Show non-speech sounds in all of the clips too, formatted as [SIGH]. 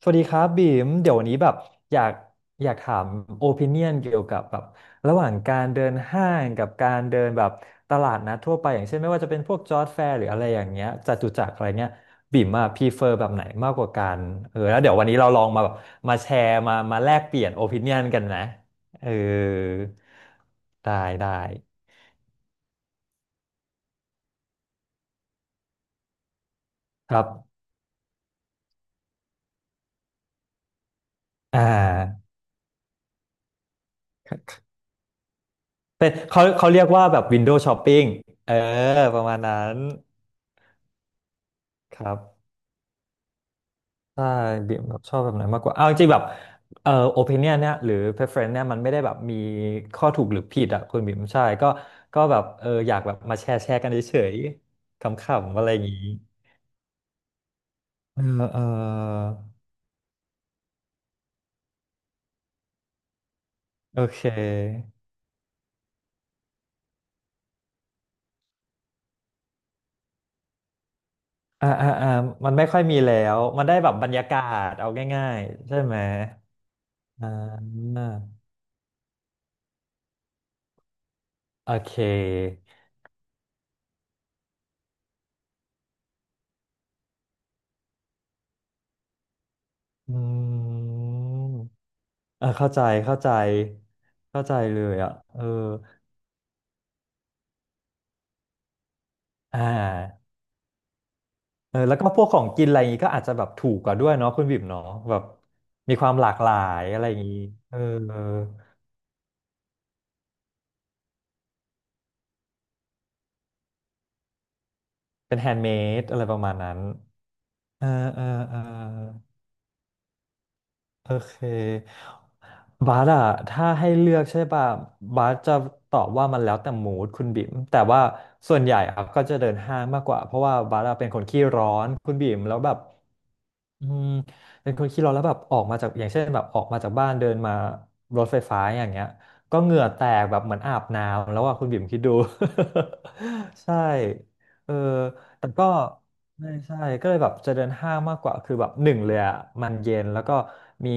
สวัสดีครับบีมเดี๋ยววันนี้แบบอยากอยากถามโอปิเนียนเกี่ยวกับแบบระหว่างการเดินห้างกับการเดินแบบตลาดนัดทั่วไปอย่างเช่นไม่ว่าจะเป็นพวกจอร์จแฟร์หรืออะไรอย่างเงี้ยจตุจักรอะไรเงี้ยบีมอะพรีเฟอร์แบบไหนมากกว่ากันเออแล้วเดี๋ยววันนี้เราลองมาแบบมาแชร์มามาแลกเปลี่ยนโอปิเนียนกันนะเออได้ได้ครับอ่าเป็นเขาเรียกว่าแบบวินโดว์ช้อปปิ้งเออประมาณนั้นครับ ใช่บิ่มแบบชอบแบบไหนมากกว่าเอาจริงๆแบบโอปิเนียเนี่ยหรือ preference เนี่ยมันไม่ได้แบบมีข้อถูกหรือผิดอ่ะคุณบิ่มใช่ก็ก็แบบเอออยากแบบมาแชร์กันเฉยๆขำๆอะไรอย่างนี้เออเออโอเคอ่าอ่าอ่ามันไม่ค่อยมีแล้วมันได้แบบบรรยากาศเอาง่ายๆใช่ไหมอ่าโอเคอืมเออเข้าใจเข้าใจเข้าใจเลยอ่ะเอออ่า เออแล้วก็พวกของกินอะไรอย่างงี้ก็อาจจะแบบถูกกว่าด้วยเนาะคุณบิ๋มเนาะแบบมีความหลากหลายอะไรอย่างงี้เออเออเป็นแฮนด์เมดอะไรประมาณนั้นเออเออเออโอเคบาร์อะถ้าให้เลือกใช่ป่ะบาร์จะตอบว่ามันแล้วแต่มูดคุณบิ๋มแต่ว่าส่วนใหญ่ครับก็จะเดินห้างมากกว่าเพราะว่าบาร์เป็นคนขี้ร้อนคุณบิ๋มแล้วแบบ อืมเป็นคนขี้ร้อนแล้วแบบออกมาจากอย่างเช่นแบบออกมาจากบ้านเดินมารถไฟฟ้าอย่างเงี้ยก็เหงื่อแตกแบบเหมือนอาบน้ำแล้วอ่ะคุณบิ่มคิดดู [LAUGHS] ใช่เออแต่ก็ ใช่ใช่ก็เลยแบบจะเดินห้างมากกว่าคือแบบหนึ่งเลยอ่ะมันเย็นแล้วก็มี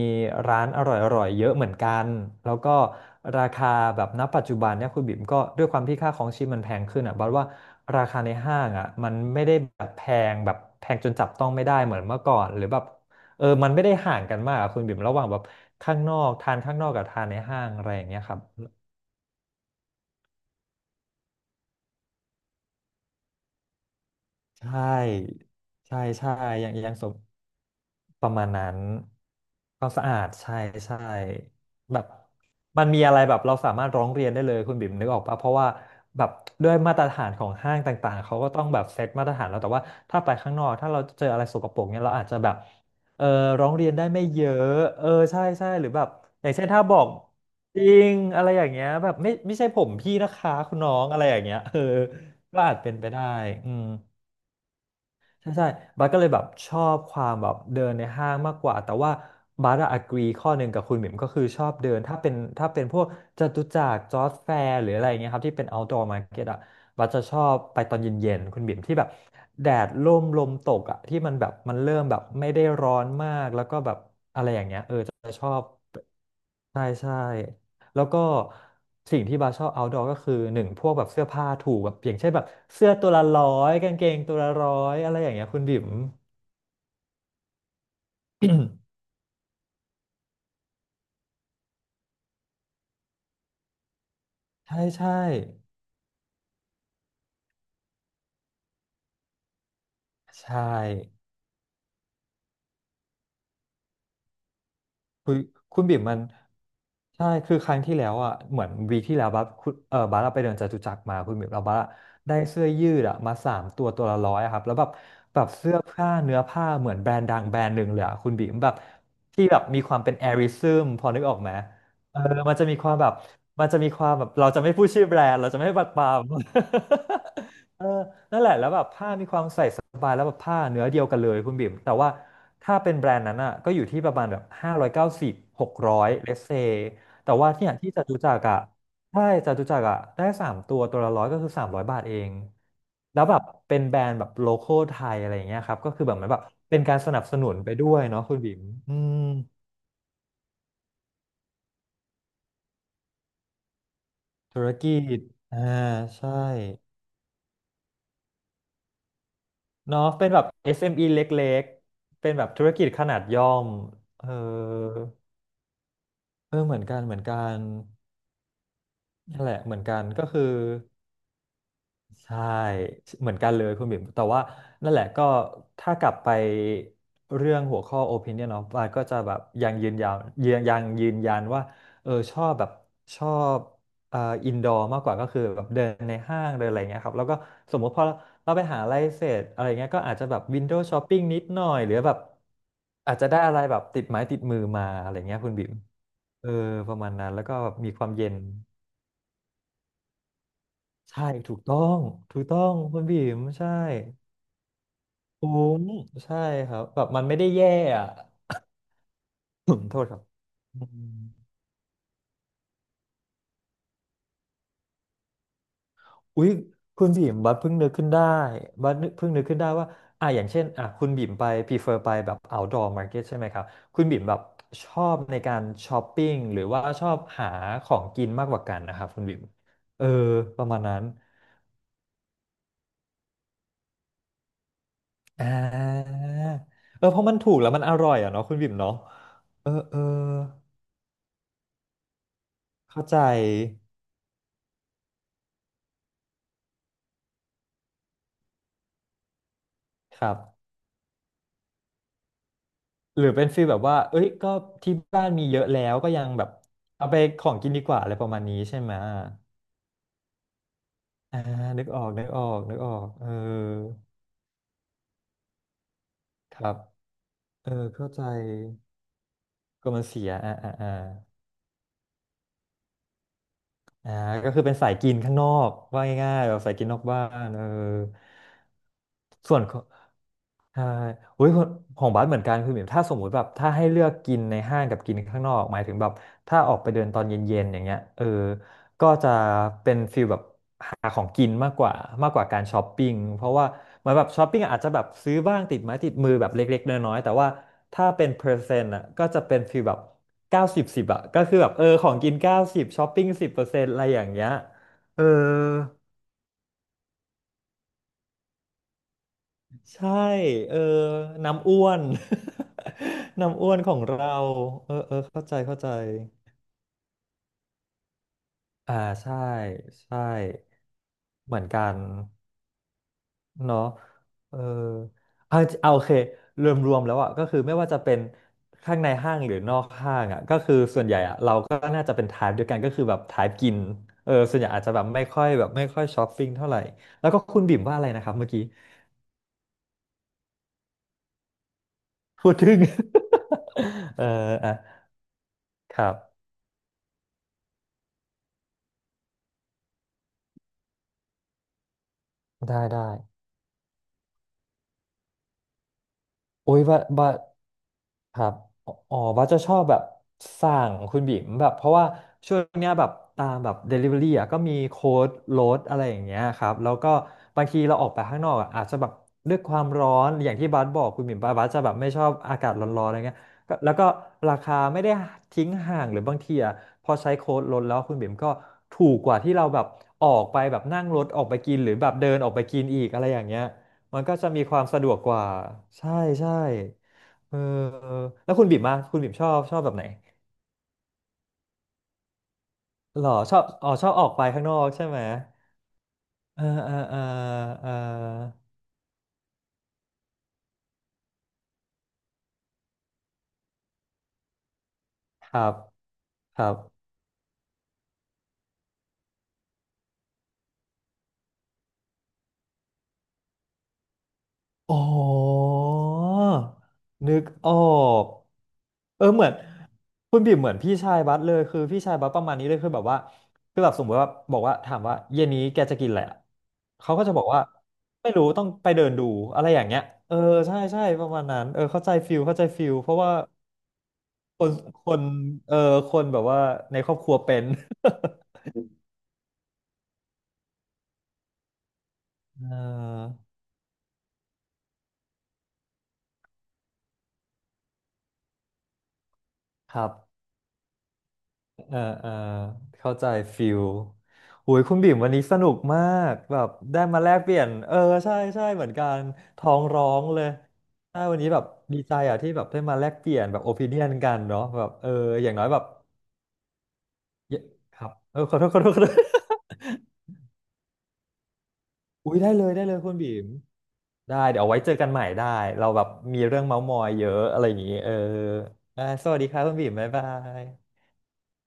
ร้านอร่อยๆเยอะเหมือนกันแล้วก็ราคาแบบณปัจจุบันเนี่ยคุณบิ่มก็ด้วยความที่ค่าของชีพมันแพงขึ้นอ่ะบัดว่าราคาในห้างอ่ะมันไม่ได้แบบแพงจนจับต้องไม่ได้เหมือนเมื่อก่อนหรือแบบเออมันไม่ได้ห่างกันมากอะคุณบิ่มระหว่างแบบข้างนอกทานข้างนอกกับทานในห้างอะไรอย่างเงี้ยครับ ใช่ใช่ใช่ยังยังสมประมาณนั้นความสะอาดใช่ใช่แบบมันมีอะไรแบบเราสามารถร้องเรียนได้เลยคุณบิ่มนึกออกปะเพราะว่าแบบด้วยมาตรฐานของห้างต่างๆเขาก็ต้องแบบเซตมาตรฐานแล้วแต่ว่าถ้าไปข้างนอกถ้าเราเจออะไรสกปรกเนี่ยเราอาจจะแบบเออร้องเรียนได้ไม่เยอะเออใช่ใช่หรือแบบอย่างเช่นถ้าบอกจริงอะไรอย่างเงี้ยแบบไม่ใช่ผมพี่นะคะคุณน้องอะไรอย่างเงี้ยเออก็อาจเป็นไปได้อืม ใช่ใช่บัสก็เลยแบบชอบความแบบเดินในห้างมากกว่า แต่ว่าบัสอะ agree ข้อหนึ่งกับคุณหมิมก็คือชอบเดิน ถ้าเป็นพวกจตุจักรจอร์จแฟร์หรืออะไรอย่างเงี้ยครับที่เป็น outdoor market อะบัสจะชอบไปตอนเย็นๆคุณหมิมที่แบบแดดร่มลมตกอะที่มันแบบมันเริ่มแบบไม่ได้ร้อนมากแล้วก็แบบใช่ใช่แล้วก็สิ่งที่บาชอบ outdoor ก็คือหนึ่งพวกแบบเสื้อผ้าถูกแบบอย่างเช่นแบบเสื้อตัวละ 100กางเกงตัวละ 100อะไรอย่างเงี้ยคุณบิ่ม [COUGHS] ใช่ใช่ใช่คุณคุณบิ่มมันใช่คือครั้งที่แล้วอ่ะเหมือนวีคที่แล้วบัสคุณเออบัสเราไปเดินจตุจักรมาคุณบิ่มเราบัสอะได้เสื้อยืดอ่ะมาสามตัวตัวละร้อยอะครับแล้วแบบแบบเสื้อผ้าเนื้อผ้าเหมือนแบรนด์ดังแบรนด์หนึ่งเลยอะคุณบิ่มแบบที่แบบมีความเป็นแอริซึมพอนึกออกไหมเออมันจะมีความแบบมันจะมีความแบบเราจะไม่พูดชื่อแบรนด์เราจะไม่บัดปราม [LAUGHS] เออ สบายแล้วแบบผ้าเนื้อเดียวกันเลยคุณบิ่มแต่ว่าถ้าเป็นแบรนด์นั้นอ่ะก็อยู่ที่ประมาณแบบ590600เลสเซแต่ว่าเนี่ยที่จตุจักรอ่ะใช่จตุจักรอ่ะได้สามตัวตัวละร้อยก็คือ300 บาทเองแล้วแบบเป็นแบรนด์แบบโลคอลไทยอะไรอย่างเงี้ยครับก็คือแบบเหมือนแบบเป็นการสนับสนุนไปด้วยเนาะคุณบิ่มอืมธุรกิจอ่าใช่เนาะเป็นแบบ SME เอ็มอีเล็กๆเป็นแบบธุรกิจขนาดย่อมเออเออเหมือนกันเหมือนกัน นั่นแหละเหมือนกันก็คือใช่เหมือนกันเลยคุณบิ่มแต่ว่านั่นแหละก็ถ้ากลับไปเรื่องหัวข้อ opinion เนาะบาสก็จะแบบยังยืนยันยังยืนยันว่าเออชอบแบบชอบเอ่ออินดอร์มากกว่าก็คือแบบเดินในห้างเดินอะไรเงี้ยครับแล้วก็สมมติพอเราไปหาอะไรเสร็จอะไรเงี้ยก็อาจจะแบบวินโดว์ช้อปปิ้งนิดหน่อยหรือแบบอาจจะได้อะไรแบบติดไม้ติดมือมาอะไรเงี้ยคุณบิ่มเออประมาณนั้นแล้วก็แบบมีความเย็น ใช่ถูกต้องถูกต้องคุณบีมใช่คุ้มใช่ครับแบบมันไม่ได้แย่อะ [COUGHS] โทษครับอืมอุ๊ยคุณบ่มบัดเพิ่งนึกขึ้นได้บัดนึกเพิ่งนึกขึ้นได้ว่าอ่ะอย่างเช่นอ่ะคุณบ่มไป prefer ไปแบบ outdoor market ใช่ไหมครับคุณบ่มแบบชอบในการช้อปปิ้งหรือว่าชอบหาของกินมากกว่ากันนะครับคุณบ่มเออประมาณนั้นอ่าเออเพราะมันถูกแล้วมันอร่อยอ่ะเนาะคุณบ่มเนาะเออเออ เข้าใจครับหรือเป็นฟีลแบบว่าเอ้ยก็ที่บ้านมีเยอะแล้วก็ยังแบบเอาไปของกินดีกว่าอะไรประมาณนี้ใช่ไหมอ่านึกออกนึกออกนึกออกเออครับเออเข้าใจก็มันเสียอ่าอ่าอ่า อ่าก็คือเป็นสายกินข้างนอกว่าง่ายๆแบบสายกินนอกบ้านเออส่วนของใช่อุ้ยของของบัสเหมือนกันคือแบบถ้าสมมุติแบบถ้าให้เลือกกินในห้างกับกินข้างนอกหมายถึงแบบถ้าออกไปเดินตอนเย็นๆอย่างเงี้ยเออก็จะเป็นฟีลแบบ หาของกินมากกว่ามากกว่าการช้อปปิ้งเพราะว่าเหมือนแบบช้อปปิ้งอาจจะแบบซื้อบ้างติดไม้ติดมือแบบเล็กๆน้อยๆแต่ว่าถ้าเป็นเปอร์เซ็นต์อ่ะก็จะเป็นฟีลแบบเก้าสิบสิบอ่ะก็คือแบบเออของกินเก้าสิบช้อปปิ้ง10%อะไรอย่างเงี้ยเออใช่เออน้ำอ้วน [LAUGHS] น้ำอ้วนของเราเออเออเข้าใจเข้าใจอ่าใช่ใช่เหมือนกัน เนาะเออเอาจริเอาโอเครวมแล้วอ่ะก็คือไม่ว่าจะเป็นข้างในห้างหรือนอกห้างอ่ะก็คือส่วนใหญ่อ่ะเราก็น่าจะเป็นทายเดียวกันก็คือแบบทายกินเออส่วนใหญ่อาจจะแบบไม่ค่อยแบบไม่ค่อยช้อปปิ้งเท่าไหร่แล้วก็คุณบิ่มว่าอะไรนะครับเมื่อกี้พูดถึง [LAUGHS] เอออ่ะครับได้ได้โอ้ยว่าว่า ครับอ๋ออ๋อว่าจะชอบแบบสั่งคุณบิ๋มแบบเพราะว่าช่วงเนี้ยแบบตามแบบ Delivery อ่ะก็มีโค้ดลดอะไรอย่างเงี้ยครับแล้วก็บางทีเราออกไปข้างนอกอะอาจจะแบบด้วยความร้อนอย่างที่บาสบอกคุณบิ๋มบาสจะแบบไม่ชอบอากาศร้อนๆอะไรเงี้ยก็แล้วก็ราคาไม่ได้ทิ้งห่างหรือบางทีอ่ะพอใช้โค้ดลดแล้วคุณบิ๋มก็ถูกกว่าที่เราแบบออกไปแบบนั่งรถออกไปกินหรือแบบเดินออกไปกินอีกอะไรอย่างเงี้ยมันก็จะมีความสะดวกกว่าใช่ใช่ เออแล้วคุณบิ่มอะคุณบิ่มชอบชอบแบบไหนหรอชอบอ๋อชอบออกไปข้างนอกใช่ไหมเออเออเออเออครับครับอ๋อนึกออกเออเหมือนคุณบิ่มเหมือนพี่ชายบัสเลยคือพี่ชายบัสประมาณนี้เลยคือแบบว่าคือแบบสมมติว่าบอกว่าถามว่าเย็นนี้แกจะกินอะไรอะเขาก็จะบอกว่าไม่รู้ต้องไปเดินดูอะไรอย่างเงี้ยเออใช่ใช่ประมาณนั้นเออเข้าใจฟิลเข้าใจฟิลเพราะว่า คนคนเออคนแบบว่าในครอบครัวเป็น [LAUGHS] เออครับเออเออเข้าใจฟิลโอ้ยคุณบิ่มวันนี้สนุกมากแบบได้มาแลกเปลี่ยนเออใช่ใช่เหมือนกันท้องร้องเลยใช่วันนี้แบบดีใจอ่ะที่แบบได้มาแลกเปลี่ยนแบบโอ i ิเนียนกันเนาะแบบเอออย่างน้อยแบบเยครับเออขอโทษขอโทษขอโทษ [LAUGHS] อุ้ยได้เลยได้เลยคุณบิ่ม ได้เดี๋ยวเอาไว้เจอกันใหม่ได้เราแบบมีเรื่องเม้าท์มอยเยอะอะไรอย่างนี้เอออ่ะสวัสดีครับคุณบีมบ๊ายบาย